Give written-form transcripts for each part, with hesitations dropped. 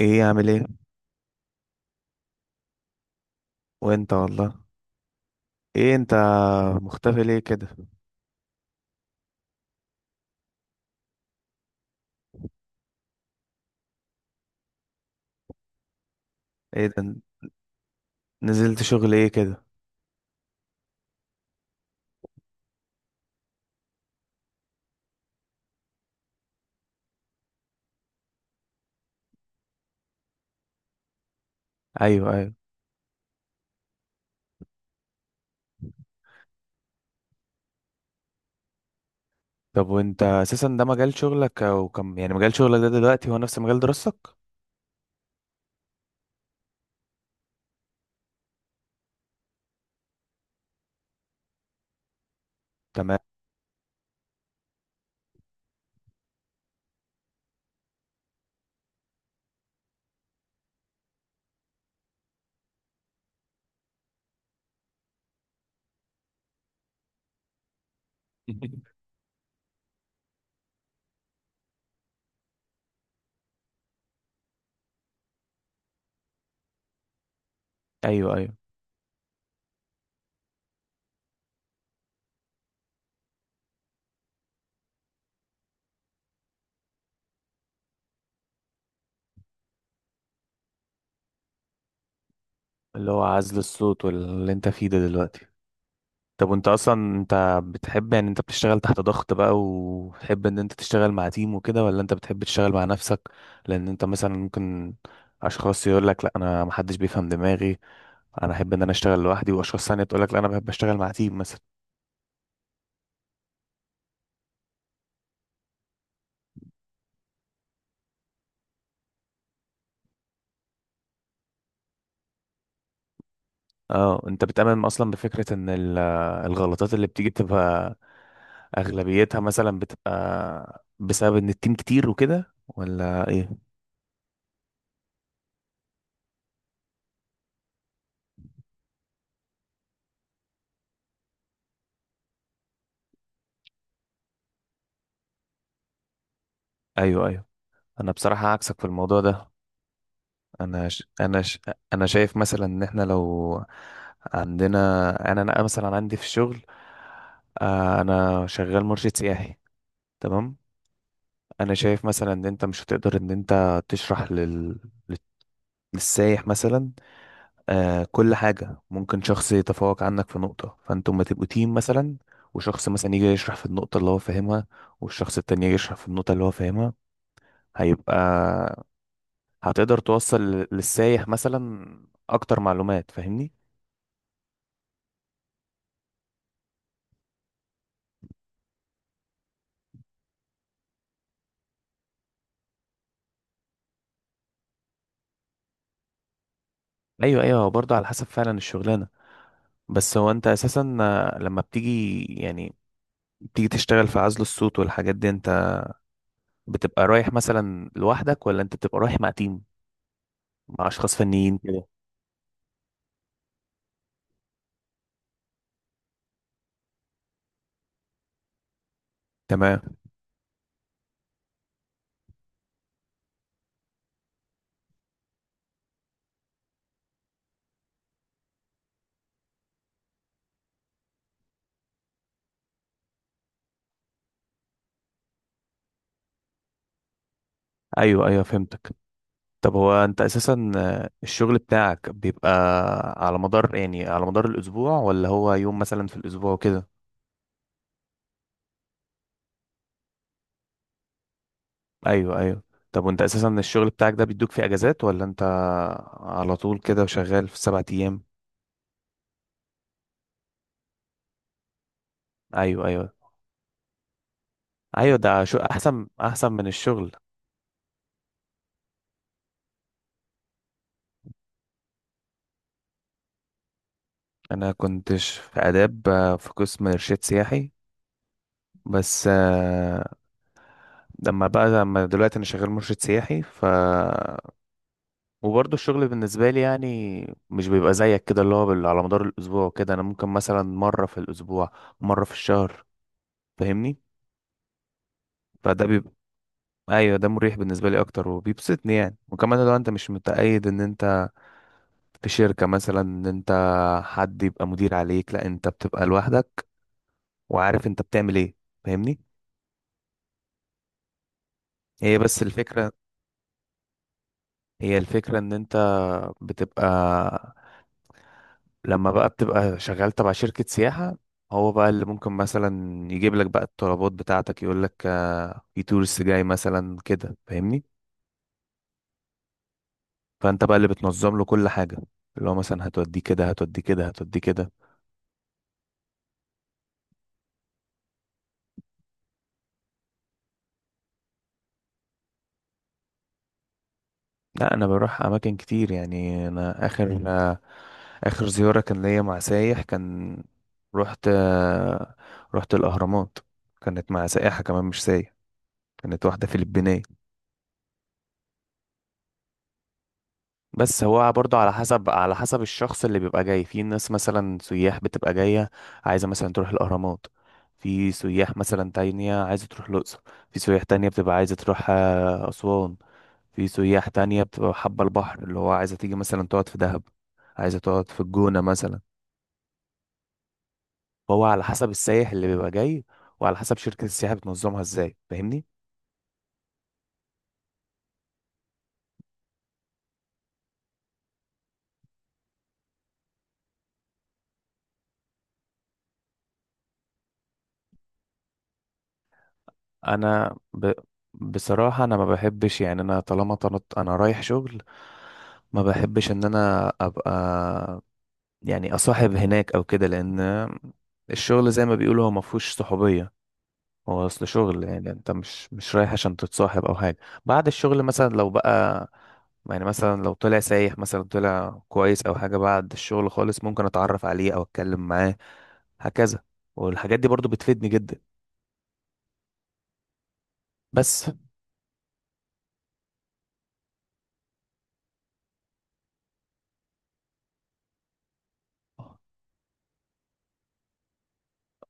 ايه عامل ايه؟ وانت والله. ايه انت مختفي ليه كده؟ ايه ده، نزلت شغل ايه كده؟ ايوه، ايوه. طب وانت اساسا ده مجال شغلك او كم يعني مجال شغلك ده دلوقتي هو نفس مجال دراستك؟ تمام. ايوه، ايوه، اللي هو عزل الصوت واللي انت فيه ده دلوقتي. طب وانت اصلا انت بتحب يعني انت بتشتغل تحت ضغط بقى وتحب ان انت تشتغل مع تيم وكده ولا انت بتحب تشتغل مع نفسك؟ لان انت مثلا ممكن اشخاص يقول لك لا انا محدش بيفهم دماغي، انا احب ان انا اشتغل لوحدي، واشخاص ثانيه تقول لك لا انا بحب اشتغل مع تيم مثلا. اه انت بتامن اصلا بفكره ان الغلطات اللي بتيجي بتبقى اغلبيتها مثلا بتبقى بسبب ان التيم كتير وكده ولا ايه؟ ايوه، ايوه. انا بصراحه عكسك في الموضوع ده. انا ش... انا ش... انا شايف مثلا ان احنا لو عندنا، انا مثلا عندي في الشغل، انا شغال مرشد سياحي، تمام. انا شايف مثلا ان انت مش هتقدر ان انت تشرح السايح مثلا آه كل حاجة، ممكن شخص يتفوق عنك في نقطة فانتوا ما تبقوا تيم مثلا، وشخص مثلا يجي يشرح في النقطة اللي هو فاهمها، والشخص التاني يجي يشرح في النقطة اللي هو فاهمها، هيبقى هتقدر توصل للسايح مثلا أكتر معلومات، فاهمني؟ أيوه، أيوه، هو برضه على حسب فعلا الشغلانة. بس هو أنت أساسا لما بتيجي يعني بتيجي تشتغل في عزل الصوت والحاجات دي، أنت بتبقى رايح مثلا لوحدك ولا أنت بتبقى رايح مع تيم، مع أشخاص فنيين كده؟ تمام. ايوه، ايوه، فهمتك. طب هو انت اساسا الشغل بتاعك بيبقى على مدار يعني على مدار الاسبوع ولا هو يوم مثلا في الاسبوع وكده؟ ايوه، ايوه. طب وانت اساسا الشغل بتاعك ده بيدوك فيه اجازات ولا انت على طول كده وشغال في سبعة ايام؟ ايوه، ايوه. ايوه ده شو احسن، احسن من الشغل. انا كنتش في اداب، في قسم ارشاد سياحي، بس لما بقى لما دلوقتي انا شغال مرشد سياحي ف وبرضه الشغل بالنسبة لي يعني مش بيبقى زيك كده اللي هو على مدار الأسبوع وكده، أنا ممكن مثلا مرة في الأسبوع، مرة في الشهر، فاهمني. فده بيبقى أيوة ده مريح بالنسبة لي أكتر وبيبسطني يعني، وكمان لو أنت مش متقيد إن أنت في شركة مثلا، إن أنت حد يبقى مدير عليك، لأ أنت بتبقى لوحدك وعارف أنت بتعمل إيه، فاهمني. هي بس الفكرة. هي الفكرة إن أنت بتبقى لما بقى بتبقى شغال تبع شركة سياحة، هو بقى اللي ممكن مثلا يجيب لك بقى الطلبات بتاعتك، يقول لك في تورست جاي مثلا كده، فاهمني. فانت بقى اللي بتنظم له كل حاجة، اللي هو مثلا هتوديه كده، هتوديه كده، هتوديه كده. لا انا بروح اماكن كتير يعني، انا اخر اخر زيارة كان ليا مع سايح، كان رحت رحت الاهرامات، كانت مع سائحة كمان مش سايح، كانت واحدة فلبينية. بس هو برضه على حسب، على حسب الشخص اللي بيبقى جاي، في ناس مثلا سياح بتبقى جاية عايزة مثلا تروح الأهرامات، في سياح مثلا تانية عايزة تروح الأقصر، في سياح تانية بتبقى عايزة تروح أسوان، في سياح تانية بتبقى حابة البحر اللي هو عايزة تيجي مثلا تقعد في دهب، عايزة تقعد في الجونة مثلا. هو على حسب السائح اللي بيبقى جاي، وعلى حسب شركة السياحة بتنظمها ازاي، فاهمني. انا ب... بصراحة انا ما بحبش يعني، انا طالما طلعت انا رايح شغل، ما بحبش ان انا ابقى يعني اصاحب هناك او كده، لان الشغل زي ما بيقولوا هو ما فيهوش صحوبية، هو اصل شغل يعني انت مش رايح عشان تتصاحب او حاجة. بعد الشغل مثلا لو بقى يعني مثلا لو طلع سايح مثلا طلع كويس او حاجة، بعد الشغل خالص ممكن اتعرف عليه او اتكلم معاه هكذا، والحاجات دي برضو بتفيدني جدا. بس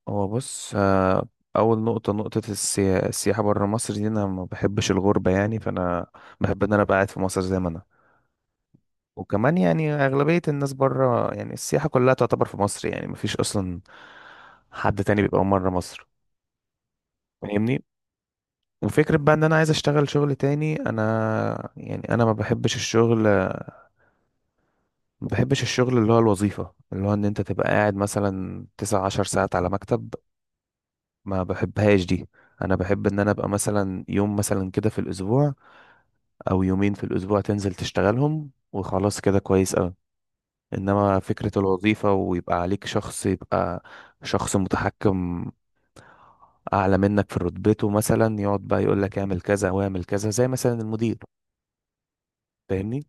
هو بص، اول نقطه، نقطه السياحه بره مصر دي، انا ما بحبش الغربه يعني فانا بحب ان انا ابقى قاعد في مصر زي ما انا. وكمان يعني اغلبيه الناس بره يعني، السياحه كلها تعتبر في مصر يعني، ما فيش اصلا حد تاني بيبقى بره مصر، فاهمني. وفكره بقى ان انا عايز اشتغل شغل تاني، انا يعني انا ما بحبش الشغل، ما بحبش الشغل اللي هو الوظيفه، اللي هو ان انت تبقى قاعد مثلا 9 10 ساعات على مكتب، ما بحبهاش دي. انا بحب ان انا ابقى مثلا يوم مثلا كده في الاسبوع او يومين في الاسبوع تنزل تشتغلهم وخلاص كده كويس قوي، انما فكرة الوظيفة ويبقى عليك شخص، يبقى شخص متحكم اعلى منك في رتبته مثلا يقعد بقى يقول لك اعمل كذا واعمل كذا زي مثلا المدير، فاهمني.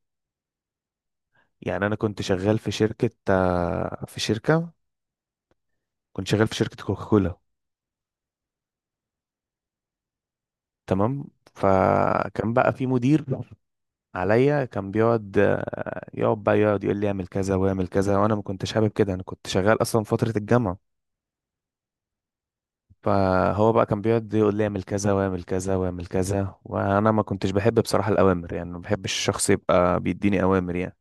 يعني انا كنت شغال في شركة كنت شغال في شركة كوكاكولا، تمام. فكان بقى في مدير عليا، كان بيقعد يقعد يقول لي اعمل كذا واعمل كذا، وانا ما كنتش حابب كده، انا كنت شغال اصلا فترة الجامعة. فهو بقى كان بيقعد يقول لي اعمل كذا واعمل كذا واعمل كذا، وانا ما كنتش بحب بصراحة الاوامر يعني، ما بحبش الشخص يبقى بيديني اوامر يعني.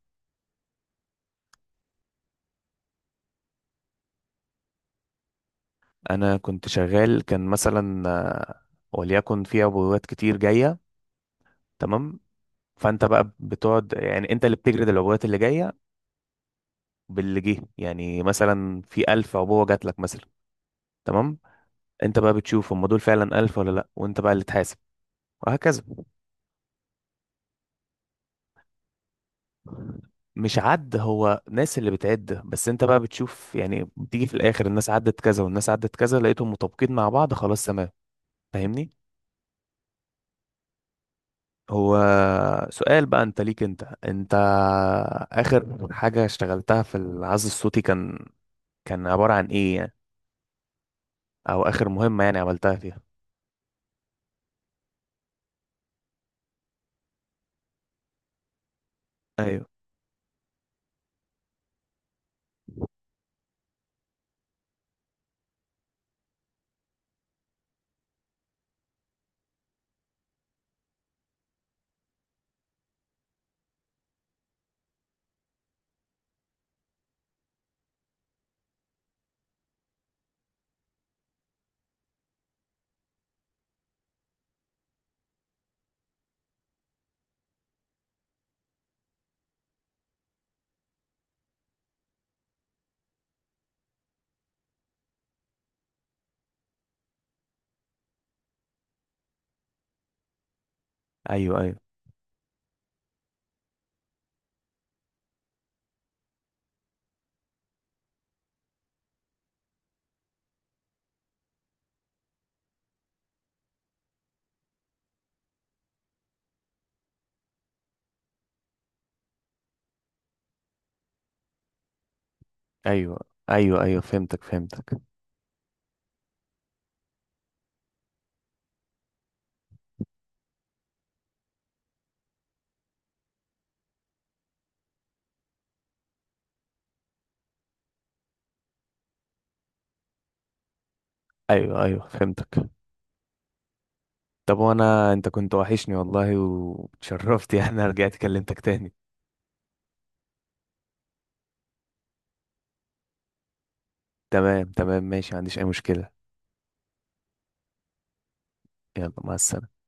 انا كنت شغال كان مثلا وليكن في عبوات كتير جاية، تمام، فانت بقى بتقعد يعني انت اللي بتجرد العبوات اللي جاية باللي جه يعني، مثلا في ألف عبوة جات لك مثلا، تمام، انت بقى بتشوف هم دول فعلا ألف ولا لا، وانت بقى اللي تحاسب، وهكذا. مش عد، هو ناس اللي بتعد، بس انت بقى بتشوف يعني، بتيجي في الاخر الناس عدت كذا والناس عدت كذا، لقيتهم مطابقين مع بعض، خلاص تمام، فاهمني. هو سؤال بقى انت ليك، انت اخر حاجة اشتغلتها في العزل الصوتي كان، كان عبارة عن ايه يعني، او اخر مهمة يعني عملتها فيها؟ ايوه، ايوه، ايوه، ايوه، ايوه، ايوه، فهمتك، فهمتك. ايوه، ايوه، فهمتك. طب وانا انت كنت وحشني والله وتشرفت يعني، أنا رجعت كلمتك تاني. تمام، تمام، ماشي، ما عنديش أي مشكلة. يلا مع السلامة.